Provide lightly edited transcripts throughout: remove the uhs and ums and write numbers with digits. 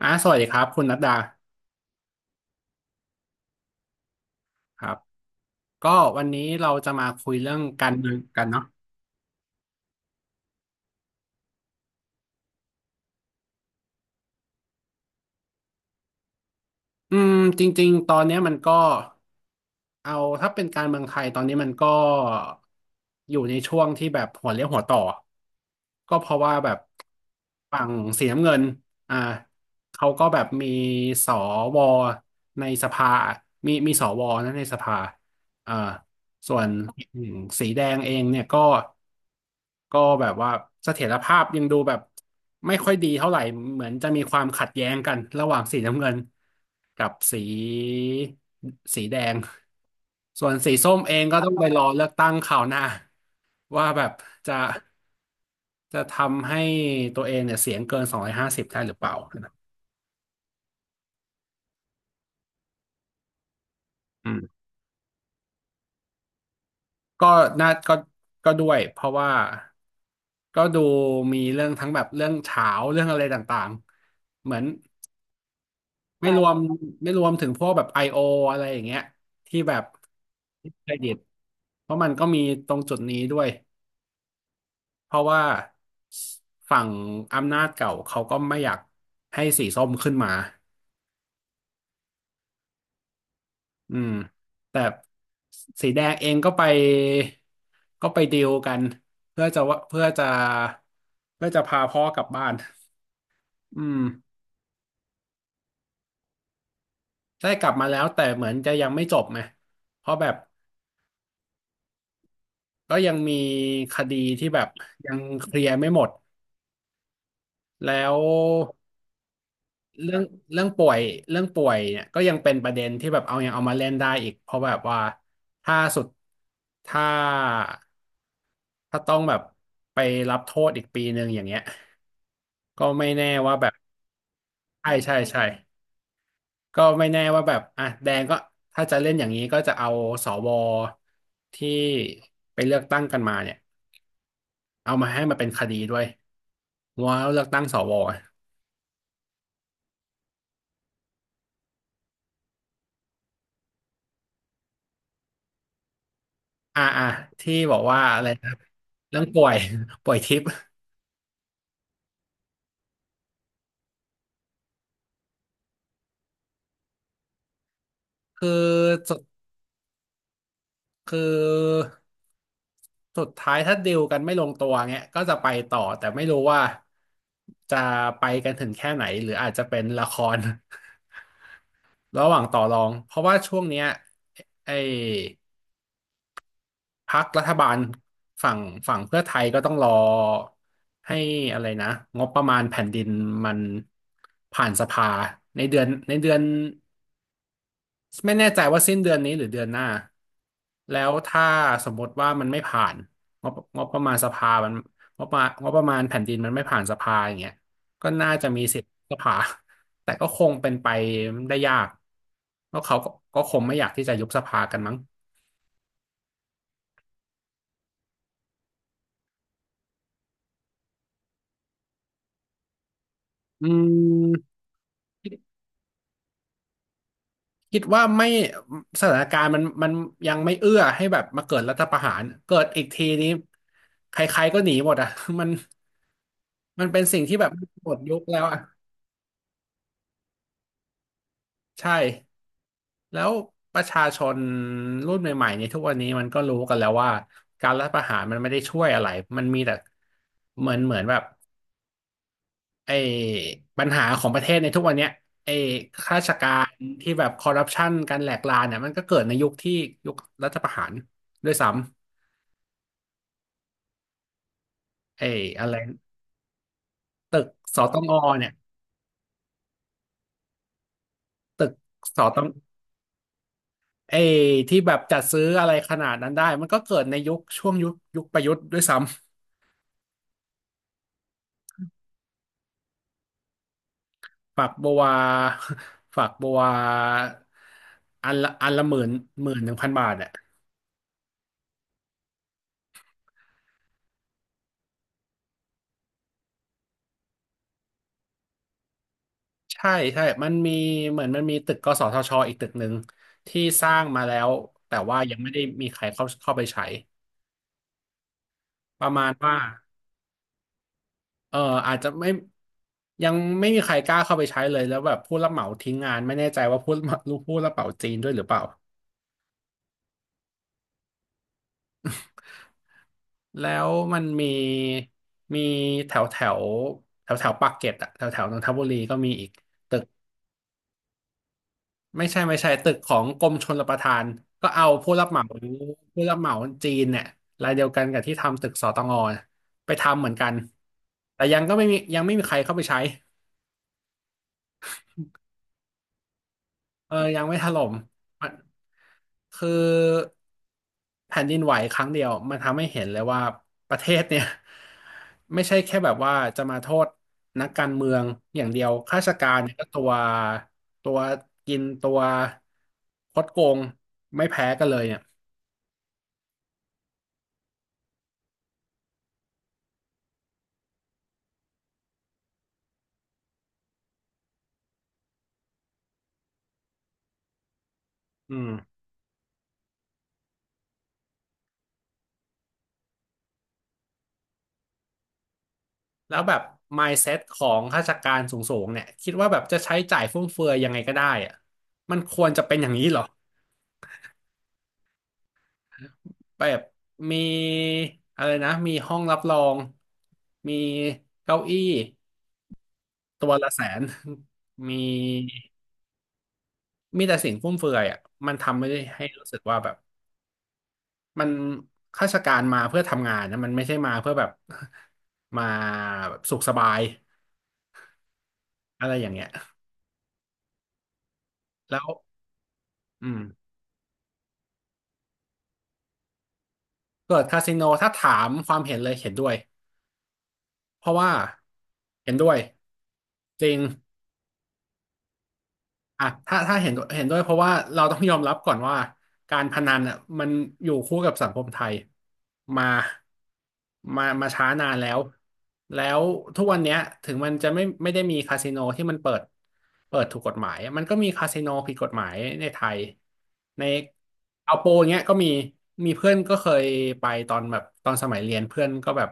สวัสดีครับคุณนัดดาครับก็วันนี้เราจะมาคุยเรื่องการเมืองกันเนาะอืมจริงๆตอนเนี้ยมันก็เอาถ้าเป็นการเมืองไทยตอนนี้มันก็อยู่ในช่วงที่แบบหัวเลี้ยวหัวต่อก็เพราะว่าแบบฝั่งสีน้ำเงินอ่าเขาก็แบบสวในสภามีสวนะในสภาอ่า ส่วนอืมสีแดงเองเนี่ยก็ก็แบบว่าเสถียรภาพยังดูแบบไม่ค่อยดีเท่าไหร่เหมือนจะมีความขัดแย้งกันระหว่างสีน้ำเงินกับสีแดงส่วนสีส้มเองก็ต้องไปรอเลือกตั้งคราวหน้าว่าแบบจะทำให้ตัวเองเนี่ยเสียงเกิน250ได้หรือเปล่าอืม ก็น่าก็ด้วยเพราะว่าก็ดูมีเรื่องทั้งแบบเรื่องเฉาวเรื่องอะไรต่างๆเหมือนไม่ค่ะรวมไม่รวมถึงพวกแบบ I.O. อโออะไรอย่างเงี้ยที่แบบเครดิตเพราะมันก็มีตรงจุดนี้ด้วยเพราะว่าฝั่งอำนาจเก่าเขาก็ไม่อยากให้สีส้มขึ้นมา อืมแต่สีแดงเองก็ไปก็ไปดีลกันเพื่อจะพาพ่อกลับบ้านอืมได้กลับมาแล้วแต่เหมือนจะยังไม่จบไงเพราะแบบก็ยังมีคดีที่แบบยังเคลียร์ไม่หมดแล้วเรื่องป่วยเรื่องป่วยเนี่ยก็ยังเป็นประเด็นที่แบบเอายังเอามาเล่นได้อีกเพราะแบบว่าถ้าสุดถ้าต้องแบบไปรับโทษอีกปีหนึ่งอย่างเงี้ย ก็ไม่แน่ว่าแบบใช่ใช่ใช่ก็ไม่แน่ว่าแบบอ่ะแดงก็ถ้าจะเล่นอย่างนี้ก็จะเอาสวที่ไปเลือกตั้งกันมาเนี่ยเอามาให้มาเป็นคดีด้วยว่าเลือกตั้งสวอ่ะอ่ะที่บอกว่าอะไรนะเรื่องป่วย ป่วยทิพย์คือ คือสุดท้ายถ้าดีลกันไม่ลงตัวเงี้ยก็จะไปต่อแต่ไม่รู้ว่าจะไปกันถึงแค่ไหนหรืออาจจะเป็นละคร ระหว่างต่อรองเพราะว่าช่วงเนี้ยไอ้พรรครัฐบาลฝั่งเพื่อไทยก็ต้องรอให้อะไรนะงบประมาณแผ่นดินมันผ่านสภาในเดือนไม่แน่ใจว่าสิ้นเดือนนี้หรือเดือนหน้าแล้วถ้าสมมติว่ามันไม่ผ่านงบประมาณสภามันงบประมาณแผ่นดินมันไม่ผ่านสภาอย่างเงี้ยก็น่าจะมีสิทธิ์สภา แต่ก็คงเป็นไปได้ยากเพราะเขาก็คงไม่อยากที่จะยุบสภากันมั้งอืมคิดว่าไม่สถานการณ์มันยังไม่เอื้อให้แบบมาเกิดรัฐประหารเกิดอีกทีนี้ใครๆก็หนีหมดอ่ะ มันเป็นสิ่งที่แบบหมดยุคแล้วอ่ะใช่ แล้วประชาชนรุ่นใหม่ๆในยทุกวันนี้มันก็รู้กันแล้วว่าการรัฐประหารมันไม่ได้ช่วยอะไร มันมีแต่เหมือนแบบไอ้ปัญหาของประเทศในทุกวันเนี้ยไอ้ข้าราชการที่แบบคอร์รัปชันการแหลกลานเนี่ยมันก็เกิดในยุคยุครัฐประหารด้วยซ้ำไอ้อะไรตึกสตงเนี่ยตึกสตงไอ้ที่แบบจัดซื้ออะไรขนาดนั้นได้มันก็เกิดในยุคช่วงยุคประยุทธ์ด้วยซ้ำ ฝักบัว ฝักบัวอันละหมื่น11,000บาทอ่ะใช่ใช่มันมีเหมือนมันมีตึกกสทชอีกตึกหนึ่งที่สร้างมาแล้วแต่ว่ายังไม่ได้มีใครเข้าไปใช้ประมาณว่าเอออาจจะไม่ยังไม่มีใครกล้าเข้าไปใช้เลยแล้วแบบผู้รับเหมาทิ้งงานไม่แน่ใจว่าผู้รับเหมาจีนด้วยหรือเปล่าแล้วมันมีมีแถวแถวปากเกร็ดอะแถวแถวนนทบุรีก็มีอีก ไม่ใช่ไม่ใช่ตึกของกรมชลประทานก็เอาผู้รับเหมาผู้รับเหมาจีนเนี่ยรายเดียวกันกับที่ทำตึกสตงน่ะไปทำเหมือนกันแต่ยังก็ไม่มียังไม่มีใครเข้าไปใช้เออยังไม่ถล่มมันคือแผ่นดินไหวครั้งเดียวมันทำให้เห็นเลยว่าประเทศเนี่ย ไม่ใช่แค่แบบว่าจะมาโทษนักการเมืองอย่างเดียวข้าราชการเนี่ยก็ตัวตัวกินคดโกงไม่แพ้กันเลยเนี่ย อืมแล้วแบบ mindset ของข้าราชการสูงๆเนี่ยคิดว่าแบบจะใช้จ่ายฟุ่มเฟือยยังไงก็ได้อะมันควรจะเป็นอย่างนี้เหรอแบบมีอะไรนะมีห้องรับรองมีเก้าอี้ตัวละ100,000 มีมีแต่สิ่งฟุ่มเฟือยอ่ะมันทำไม่ได้ให้รู้สึกว่าแบบมันข้าราชการมาเพื่อทำงานนะมันไม่ใช่มาเพื่อแบบ มาแบบสุขสบายอะไรอย่างเงี้ยแล้วอืม เปิดคาสิโนถ้าถามความเห็นเลยเห็นด้วยเพราะว่าเห็นด้วยจริง อ่ะถ้าเห็นด้วยเพราะว่าเราต้องยอมรับก่อนว่าการพนันอ่ะมันอยู่คู่กับสังคมไทยมามาช้านานแล้วแล้วทุกวันเนี้ยถึงมันจะไม่ได้มีคาสิโนที่มันเปิดถูกกฎหมายมันก็มีคาสิโนผิดกฎหมายในไทยในเอาโปอย่างเงี้ยก็มีมีเพื่อนก็เคยไปตอนแบบตอนสมัยเรียนเพื่อนก็แบบ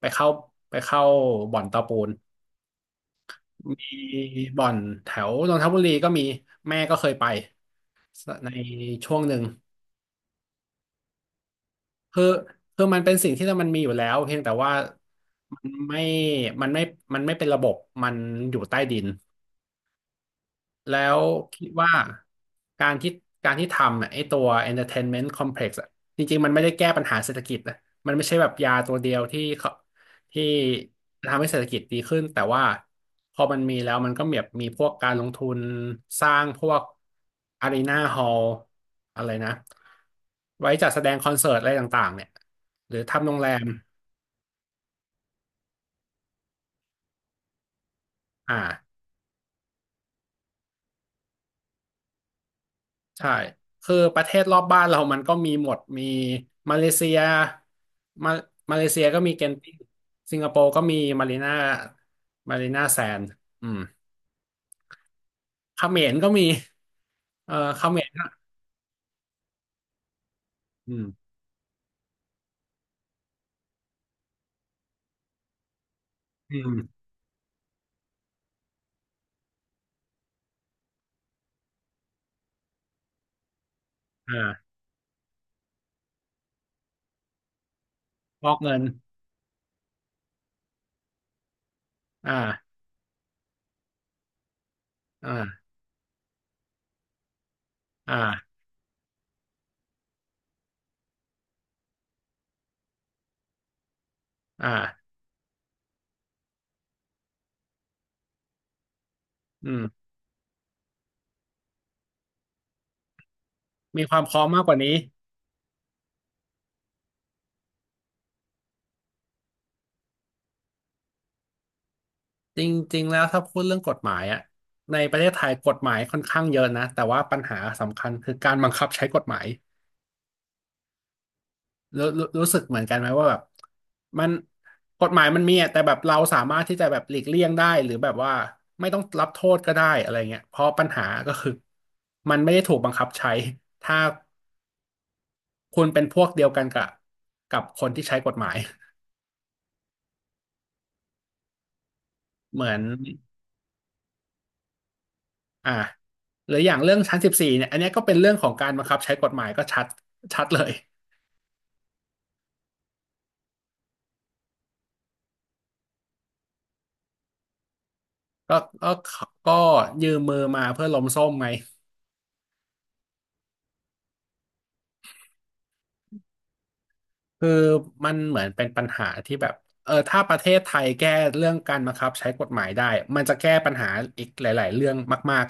ไปเข้าไปเข้าบ่อนตะปูน มีบ่อนแถวนนทบุรีก็มีแม่ก็เคยไปในช่วงหนึ่งคือคือมันเป็นสิ่งที่มันมีอยู่แล้วเพียงแต่ว่ามันไม่มันไม่มันไม่เป็นระบบมันอยู่ใต้ดิน แล้วคิดว่าการที่การที่ทำอะไอ้ตัว entertainment complex อะจริงๆมันไม่ได้แก้ปัญหาเศรษฐกิจนะมันไม่ใช่แบบยาตัวเดียวที่เขาที่ทำให้เศรษฐกิจดีขึ้นแต่ว่าพอมันมีแล้วมันก็แบบมีพวกการลงทุนสร้างพวกอารีนาฮอลอะไรนะไว้จัดแสดงคอนเสิร์ตอะไรต่างๆเนี่ยหรือทำโรงแรมอ่า ใช่ คือประเทศรอบบ้านเรามันก็มีหมด มีมาเลเซียมามาเลเซียก็มีเกนติ้งสิงคโปร์ก็มีมารีนามารีนาแซนด์อืมเขมรก็มีเออเขมรก็อืมอืมอ่าฟอกเงินอ่าอ่าอ่าอ่าอืมมีความพร้อมมากกว่านี้ จริงๆ แล้วถ้าพูดเรื่องกฎหมายอะในประเทศไทยกฎหมายค่อนข้างเยอะนะแต่ว่าปัญหาสำคัญคือการบังคับใช้กฎหมาย รู้สึกเหมือนกันไหมว่าแบบมันกฎหมายมันมีอะแต่แบบเราสามารถที่จะแบบหลีกเลี่ยงได้หรือแบบว่าไม่ต้องรับโทษก็ได้อะไรเงี้ยเพราะปัญหาก็คือมันไม่ได้ถูกบังคับใช้ถ้าคุณเป็นพวกเดียวกันกับกับคนที่ใช้กฎหมายเหมือนอ่าหรืออย่างเรื่องชั้น 14เนี่ยอันเนี้ยก็เป็นเรื่องของการบังคับใช้กฎหมายก็ชัดเลยก็ก็ก็ยืมมือมาเพื่อล้มส้มไง คือมันเหมือนเป็นปัญหาที่แบบเออถ้าประเทศไทยแก้เรื่องการบังคับใช้กฎหมายได้มันจะแก้ปัญหาอีกหลายๆเรื่องมาก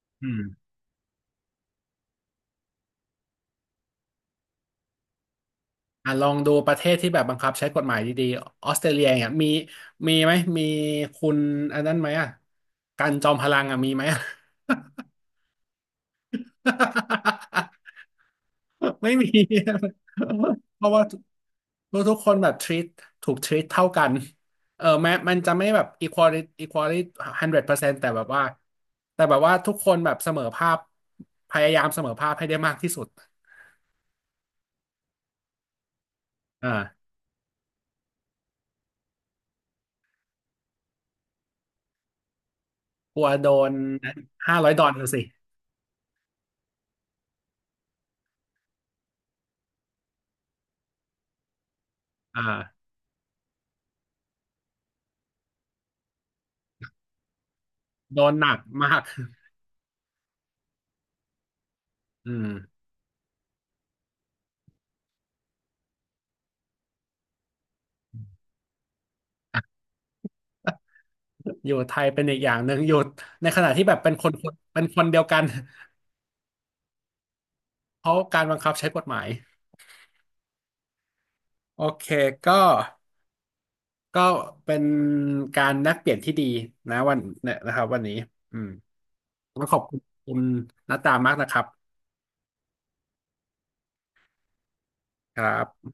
ๆอืมอ่ะลองดูประเทศที่แบบบังคับใช้กฎหมายดีๆออสเตรเลียเนี่ยมีมีไหมมีคุณอันนั้นไหมอ่ะการจอมพลังอ่ะมีไหมอ่ะ ไม่มี เพราะว่าทุกคนแบบ treat ถูก treat เท่ากันเออแม้มันจะไม่แบบ equality 100%แต่แบบว่าทุกคนแบบเสมอภาพพยายามเสมอภาพให้ได้มากที่สุดอ่ากลัวโดน$500สิอ่าโดนหนักมากอืมอยู่ไทยเป็นอีกอย่างหนึ่งอยู่ในขณะที่แบบเป็นคนเป็นคนเดียวกันเพราะการบังคับใช้กฎหมายโอเคก็ ก็เป็นการแลกเปลี่ยนที่ดีนะวันเนี่ยนะครับวันนี้อืมก็ขอบคุณคุณนัตตามากนะครับครับ